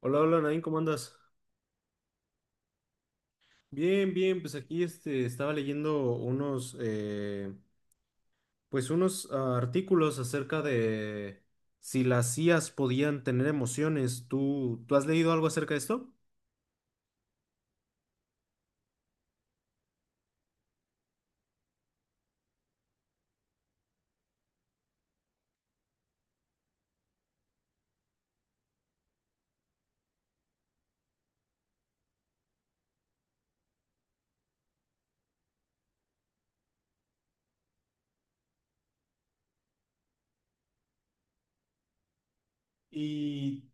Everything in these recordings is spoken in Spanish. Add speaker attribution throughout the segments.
Speaker 1: Hola, hola, Nadine, ¿cómo andas? Bien, bien, pues aquí este, estaba leyendo unos pues unos artículos acerca de si las IAs podían tener emociones. ¿¿Tú has leído algo acerca de esto? ¿Y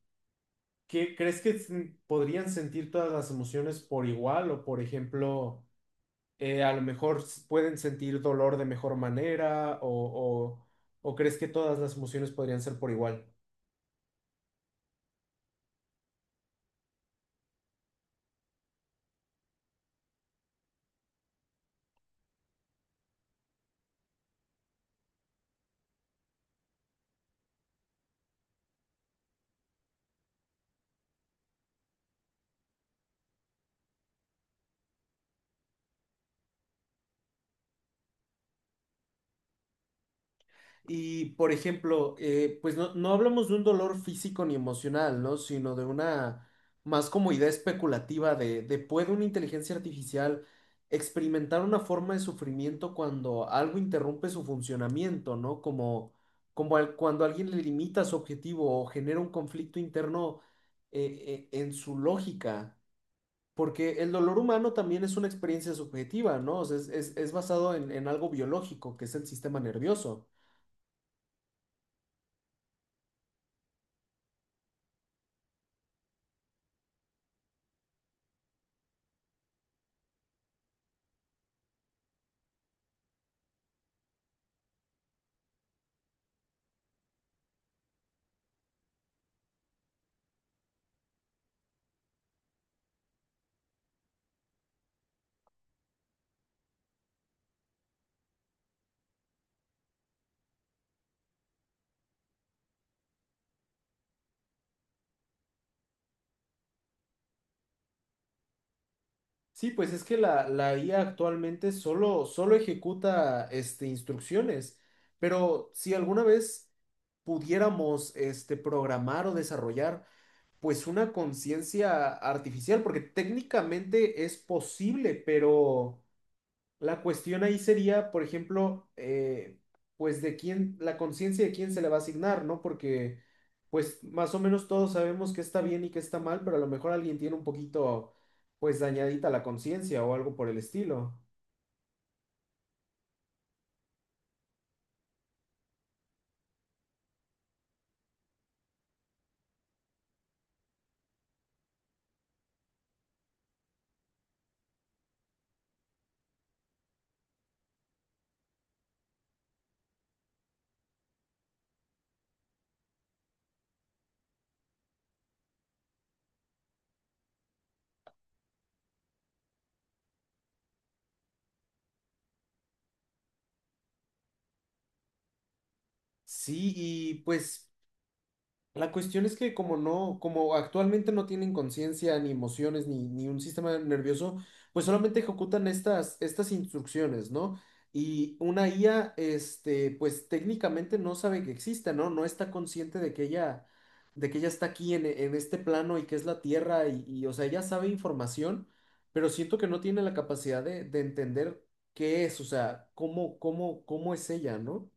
Speaker 1: qué crees que podrían sentir todas las emociones por igual? O por ejemplo, a lo mejor pueden sentir dolor de mejor manera, o crees que todas las emociones podrían ser por igual? Y, por ejemplo, pues no, no hablamos de un dolor físico ni emocional, ¿no? Sino de una más como idea especulativa de ¿puede una inteligencia artificial experimentar una forma de sufrimiento cuando algo interrumpe su funcionamiento, ¿no? Como, cuando alguien le limita su objetivo o genera un conflicto interno en su lógica. Porque el dolor humano también es una experiencia subjetiva, ¿no? O sea, es basado en algo biológico, que es el sistema nervioso. Sí, pues es que la IA actualmente solo ejecuta este, instrucciones, pero si alguna vez pudiéramos este, programar o desarrollar pues una conciencia artificial, porque técnicamente es posible, pero... La cuestión ahí sería, por ejemplo, pues de quién, la conciencia de quién se le va a asignar, ¿no? Porque, pues más o menos todos sabemos qué está bien y qué está mal, pero a lo mejor alguien tiene un poquito, pues dañadita la conciencia o algo por el estilo. Sí, y pues la cuestión es que como no, como actualmente no tienen conciencia, ni emociones, ni un sistema nervioso, pues solamente ejecutan estas instrucciones, ¿no? Y una IA, este, pues técnicamente no sabe que existe, ¿no? No está consciente de que ella está aquí en este plano y que es la Tierra, y, o sea, ella sabe información, pero siento que no tiene la capacidad de entender qué es, o sea, cómo es ella, ¿no?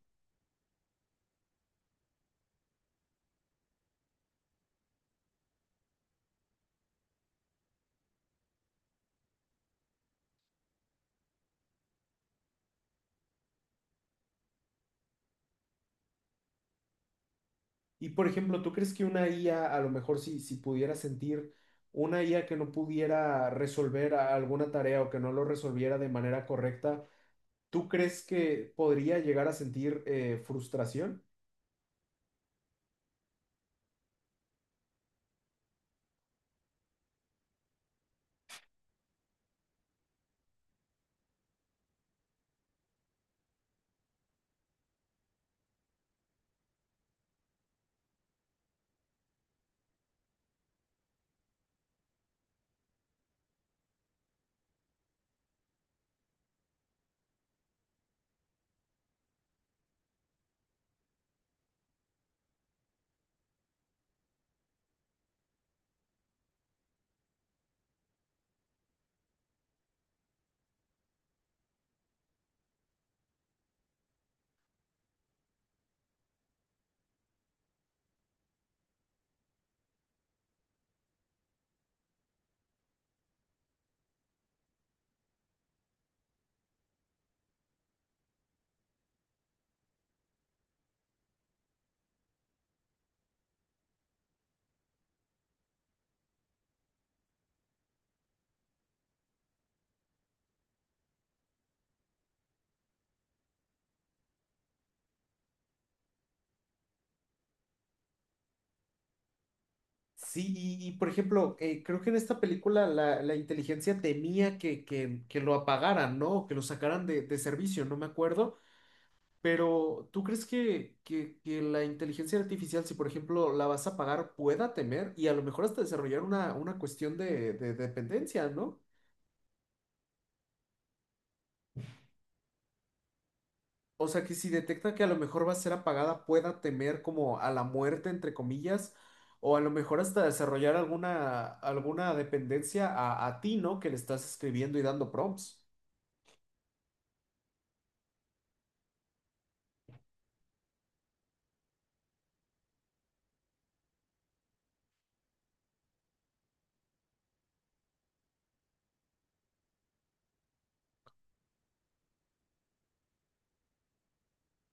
Speaker 1: Y por ejemplo, ¿tú crees que una IA, a lo mejor si pudiera sentir una IA que no pudiera resolver alguna tarea o que no lo resolviera de manera correcta, ¿tú crees que podría llegar a sentir frustración? Sí, por ejemplo, creo que en esta película la inteligencia temía que lo apagaran, ¿no? Que lo sacaran de servicio, no me acuerdo. Pero, ¿tú crees que la inteligencia artificial, si por ejemplo la vas a pagar, pueda temer y a lo mejor hasta desarrollar una cuestión de dependencia, ¿no? O sea, que si detecta que a lo mejor va a ser apagada, pueda temer como a la muerte, entre comillas, o a lo mejor hasta desarrollar alguna dependencia a ti, ¿no? Que le estás escribiendo y dando prompts.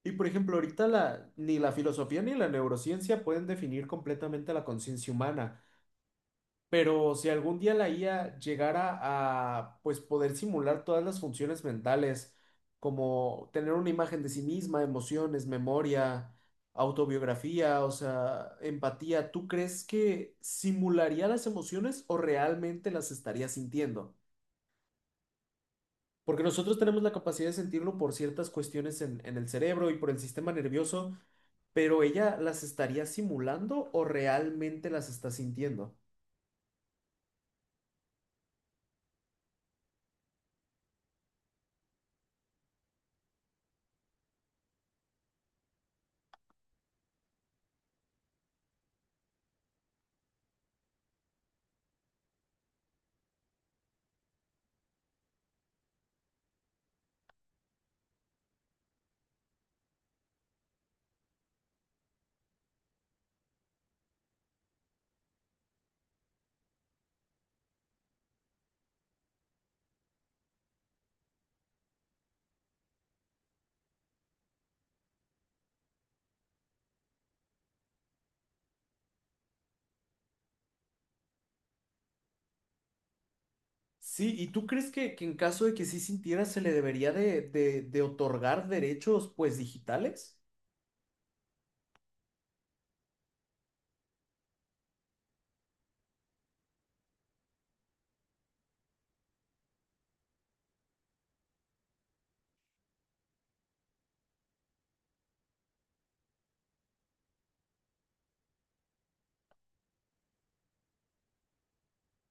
Speaker 1: Y por ejemplo, ahorita la, ni la filosofía ni la neurociencia pueden definir completamente la conciencia humana. Pero si algún día la IA llegara a pues poder simular todas las funciones mentales, como tener una imagen de sí misma, emociones, memoria, autobiografía, o sea, empatía, ¿tú crees que simularía las emociones o realmente las estaría sintiendo? Porque nosotros tenemos la capacidad de sentirlo por ciertas cuestiones en el cerebro y por el sistema nervioso, pero ella las estaría simulando o realmente las está sintiendo. Sí, ¿y tú crees que en caso de que sí sintiera se le debería de otorgar derechos pues digitales?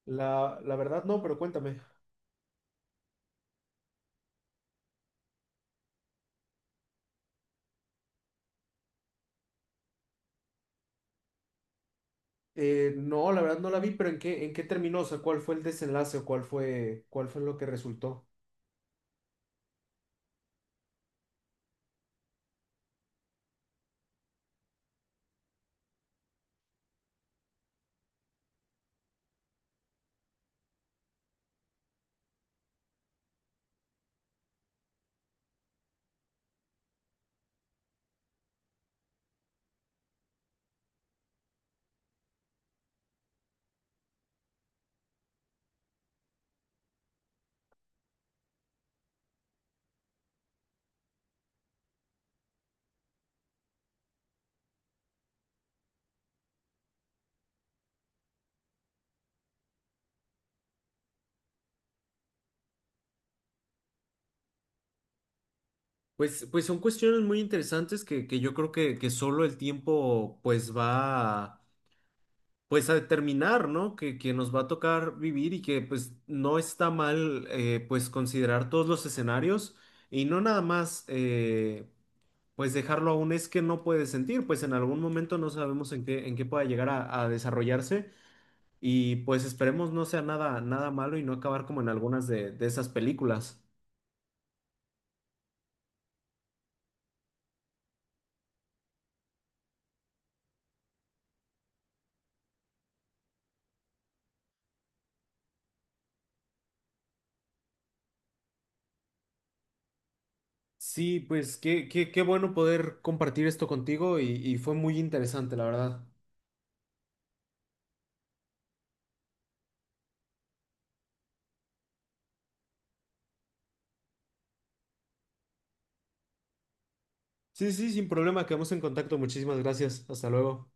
Speaker 1: La verdad no, pero cuéntame. No, la verdad no la vi, pero en qué terminó? O sea, ¿cuál fue el desenlace o cuál fue lo que resultó? Pues, pues son cuestiones muy interesantes que yo creo que solo el tiempo pues pues a determinar, ¿no? Que nos va a tocar vivir y que pues no está mal pues considerar todos los escenarios y no nada más pues dejarlo aún es que no puede sentir, pues en algún momento no sabemos en qué pueda llegar a desarrollarse y pues esperemos no sea nada, nada malo y no acabar como en algunas de esas películas. Sí, pues qué, qué, qué bueno poder compartir esto contigo y fue muy interesante, la verdad. Sí, sí, sin problema, quedamos en contacto. Muchísimas gracias. Hasta luego.